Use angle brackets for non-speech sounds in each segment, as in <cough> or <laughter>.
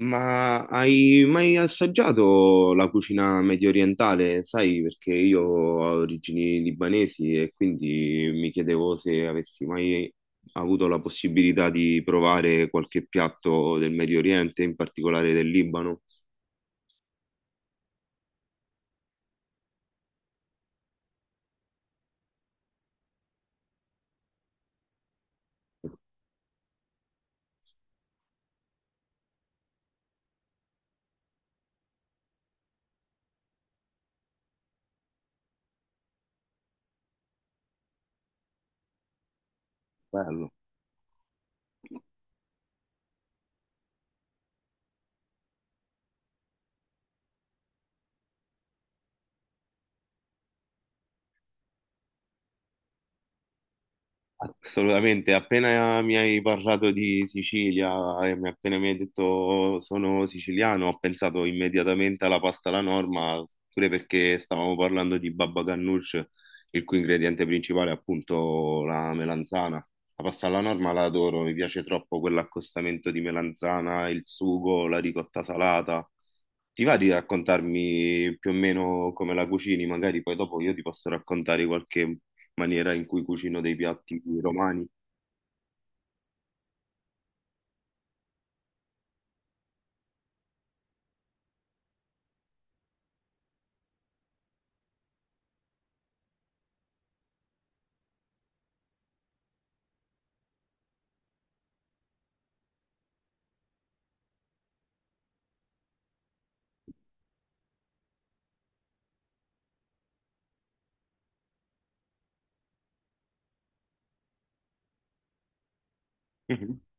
Ma hai mai assaggiato la cucina medio orientale? Sai, perché io ho origini libanesi e quindi mi chiedevo se avessi mai avuto la possibilità di provare qualche piatto del Medio Oriente, in particolare del Libano. Bello. Assolutamente, appena mi hai parlato di Sicilia e appena mi hai detto sono siciliano, ho pensato immediatamente alla pasta alla norma, pure perché stavamo parlando di baba ganoush, il cui ingrediente principale è appunto la melanzana. La pasta alla norma la adoro, mi piace troppo quell'accostamento di melanzana, il sugo, la ricotta salata. Ti va di raccontarmi più o meno come la cucini? Magari poi dopo io ti posso raccontare qualche maniera in cui cucino dei piatti romani. <laughs>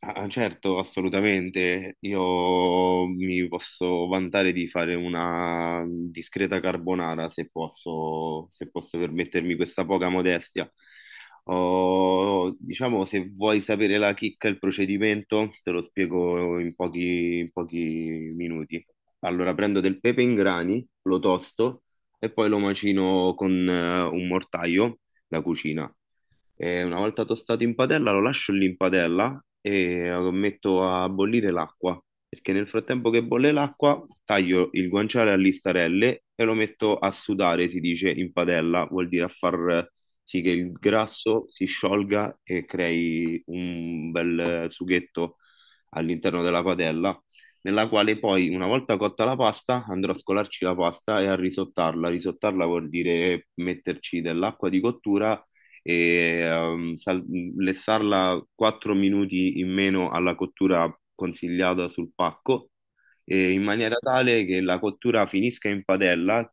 Ah, ah, certo, assolutamente. Io mi posso vantare di fare una discreta carbonara se posso, se posso permettermi questa poca modestia. Oh, diciamo, se vuoi sapere la chicca, e il procedimento, te lo spiego in pochi minuti. Allora, prendo del pepe in grani, lo tosto e poi lo macino con un mortaio da cucina. E una volta tostato in padella lo lascio lì in padella e lo metto a bollire l'acqua, perché nel frattempo che bolle l'acqua taglio il guanciale a listarelle e lo metto a sudare, si dice, in padella, vuol dire a far sì che il grasso si sciolga e crei un bel sughetto all'interno della padella, nella quale poi, una volta cotta la pasta, andrò a scolarci la pasta e a risottarla. Risottarla vuol dire metterci dell'acqua di cottura e lessarla 4 minuti in meno alla cottura consigliata sul pacco, in maniera tale che la cottura finisca in padella.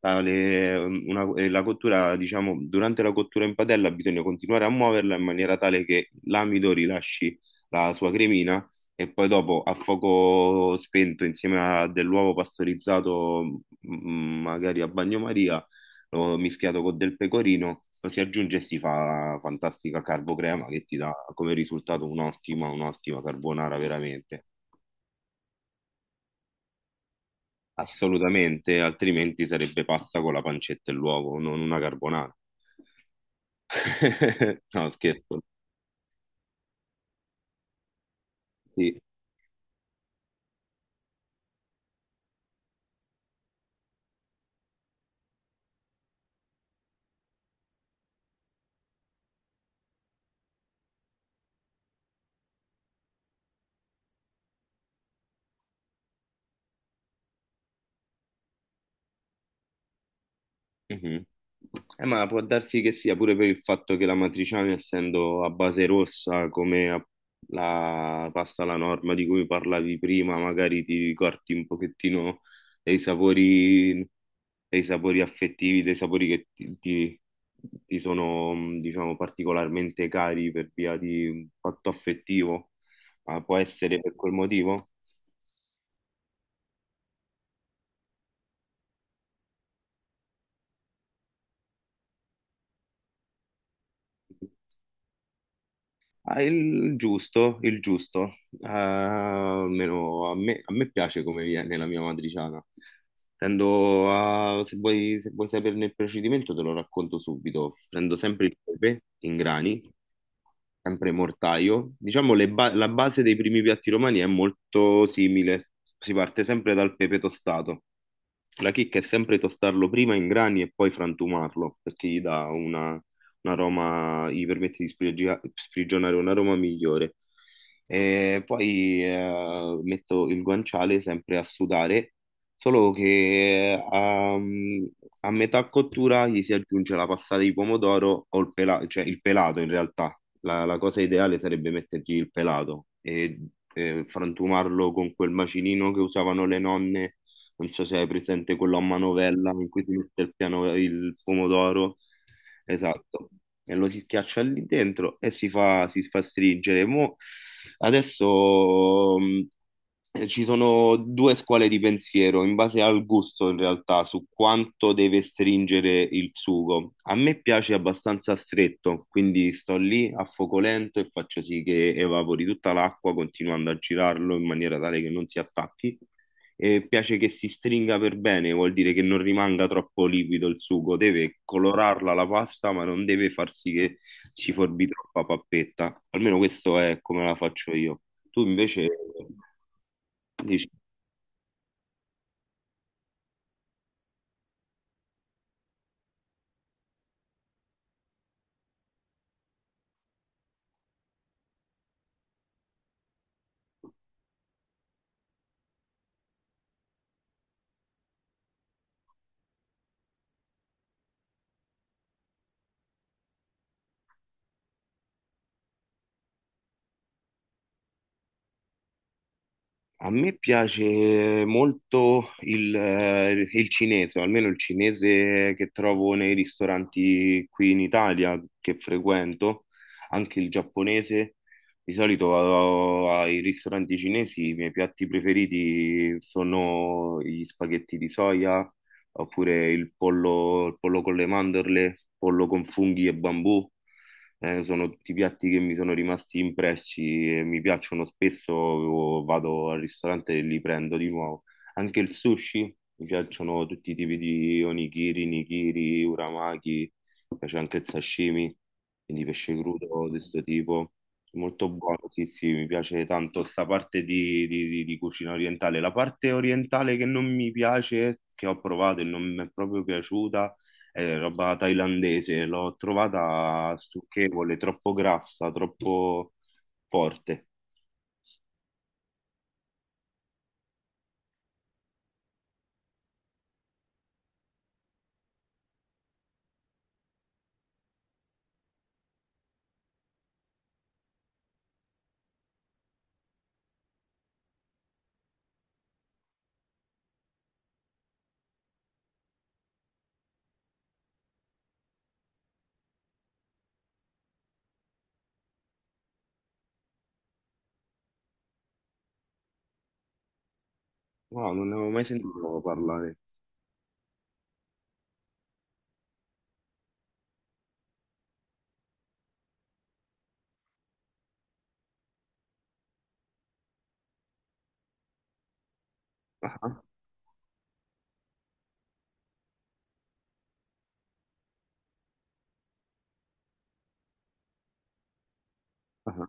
La cottura, diciamo, durante la cottura in padella bisogna continuare a muoverla in maniera tale che l'amido rilasci la sua cremina e poi dopo a fuoco spento insieme a dell'uovo pastorizzato, magari a bagnomaria, lo mischiato con del pecorino, lo si aggiunge e si fa fantastica carbocrema che ti dà come risultato un'ottima carbonara veramente. Assolutamente, altrimenti sarebbe pasta con la pancetta e l'uovo, non una carbonara. <laughs> No, scherzo. Sì. Mhm. Ma può darsi che sia pure per il fatto che la matriciana, essendo a base rossa, come la pasta alla norma di cui parlavi prima, magari ti corti un pochettino dei sapori, dei sapori affettivi, dei sapori che ti sono, diciamo, particolarmente cari per via di un fatto affettivo. Ma può essere per quel motivo? Ah, il giusto, il giusto. Almeno a me piace come viene la mia matriciana. Se vuoi, se vuoi saperne il procedimento, te lo racconto subito. Prendo sempre il pepe in grani, sempre mortaio. Diciamo la base dei primi piatti romani è molto simile. Si parte sempre dal pepe tostato. La chicca è sempre tostarlo prima in grani e poi frantumarlo, perché gli dà una, un aroma, gli permette di sprigionare un aroma migliore. E poi metto il guanciale sempre a sudare, solo che a, metà cottura gli si aggiunge la passata di pomodoro o il pelato, cioè il pelato in realtà. La cosa ideale sarebbe mettergli il pelato e frantumarlo con quel macinino che usavano le nonne, non so se hai presente quello a manovella in cui si mette il, piano, il pomodoro. Esatto. E lo si schiaccia lì dentro e si fa stringere. Mo adesso Ci sono due scuole di pensiero in base al gusto, in realtà, su quanto deve stringere il sugo. A me piace abbastanza stretto, quindi sto lì a fuoco lento e faccio sì che evapori tutta l'acqua, continuando a girarlo in maniera tale che non si attacchi e piace che si stringa per bene, vuol dire che non rimanga troppo liquido il sugo, deve colorarla la pasta, ma non deve far sì che ci forbi troppa pappetta. Almeno questo è come la faccio io. Tu invece dici. A me piace molto il cinese, o almeno il cinese che trovo nei ristoranti qui in Italia che frequento, anche il giapponese. Di solito vado ai ristoranti cinesi, i miei piatti preferiti sono gli spaghetti di soia, oppure il pollo con le mandorle, pollo con funghi e bambù, sono tutti piatti che mi sono rimasti impressi e mi piacciono spesso, o vado al ristorante e li prendo di nuovo. Anche il sushi, mi piacciono tutti i tipi di onigiri, nigiri, uramaki, mi piace anche il sashimi, quindi pesce crudo di questo tipo. Molto buono, sì, sì, mi piace tanto sta parte di cucina orientale. La parte orientale che non mi piace, che ho provato e non mi è proprio piaciuta, è roba thailandese, l'ho trovata stucchevole, troppo grassa, troppo forte. Wow, non ne avevo mai sentito parlare. Ah, ah. Ah.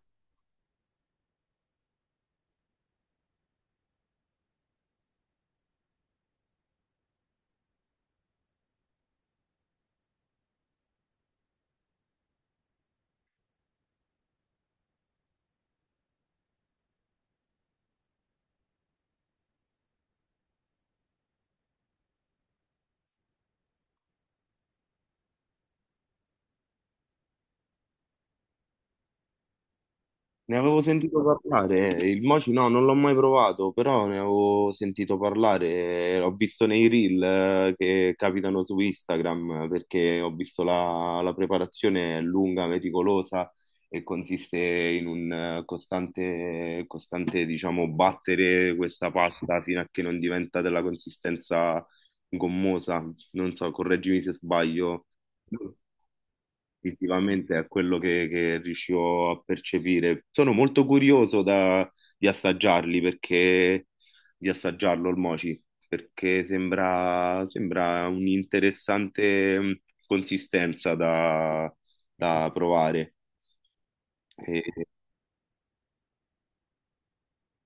Ne avevo sentito parlare, il mochi no, non l'ho mai provato, però ne avevo sentito parlare. Ho visto nei reel che capitano su Instagram, perché ho visto la preparazione è lunga, meticolosa e consiste in un costante, diciamo, battere questa pasta fino a che non diventa della consistenza gommosa. Non so, correggimi se sbaglio istintivamente a quello che riuscivo a percepire. Sono molto curioso da- di assaggiarli perché Di assaggiarlo il mochi, perché sembra, sembra un'interessante consistenza da, da provare. E-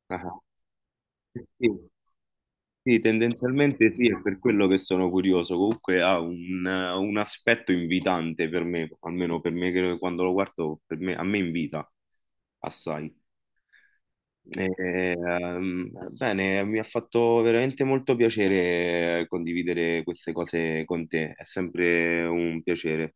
ah, sì, sì, tendenzialmente sì, è per quello che sono curioso. Comunque ha un aspetto invitante per me, almeno per me che quando lo guardo, a me invita assai. Bene, mi ha fatto veramente molto piacere condividere queste cose con te, è sempre un piacere.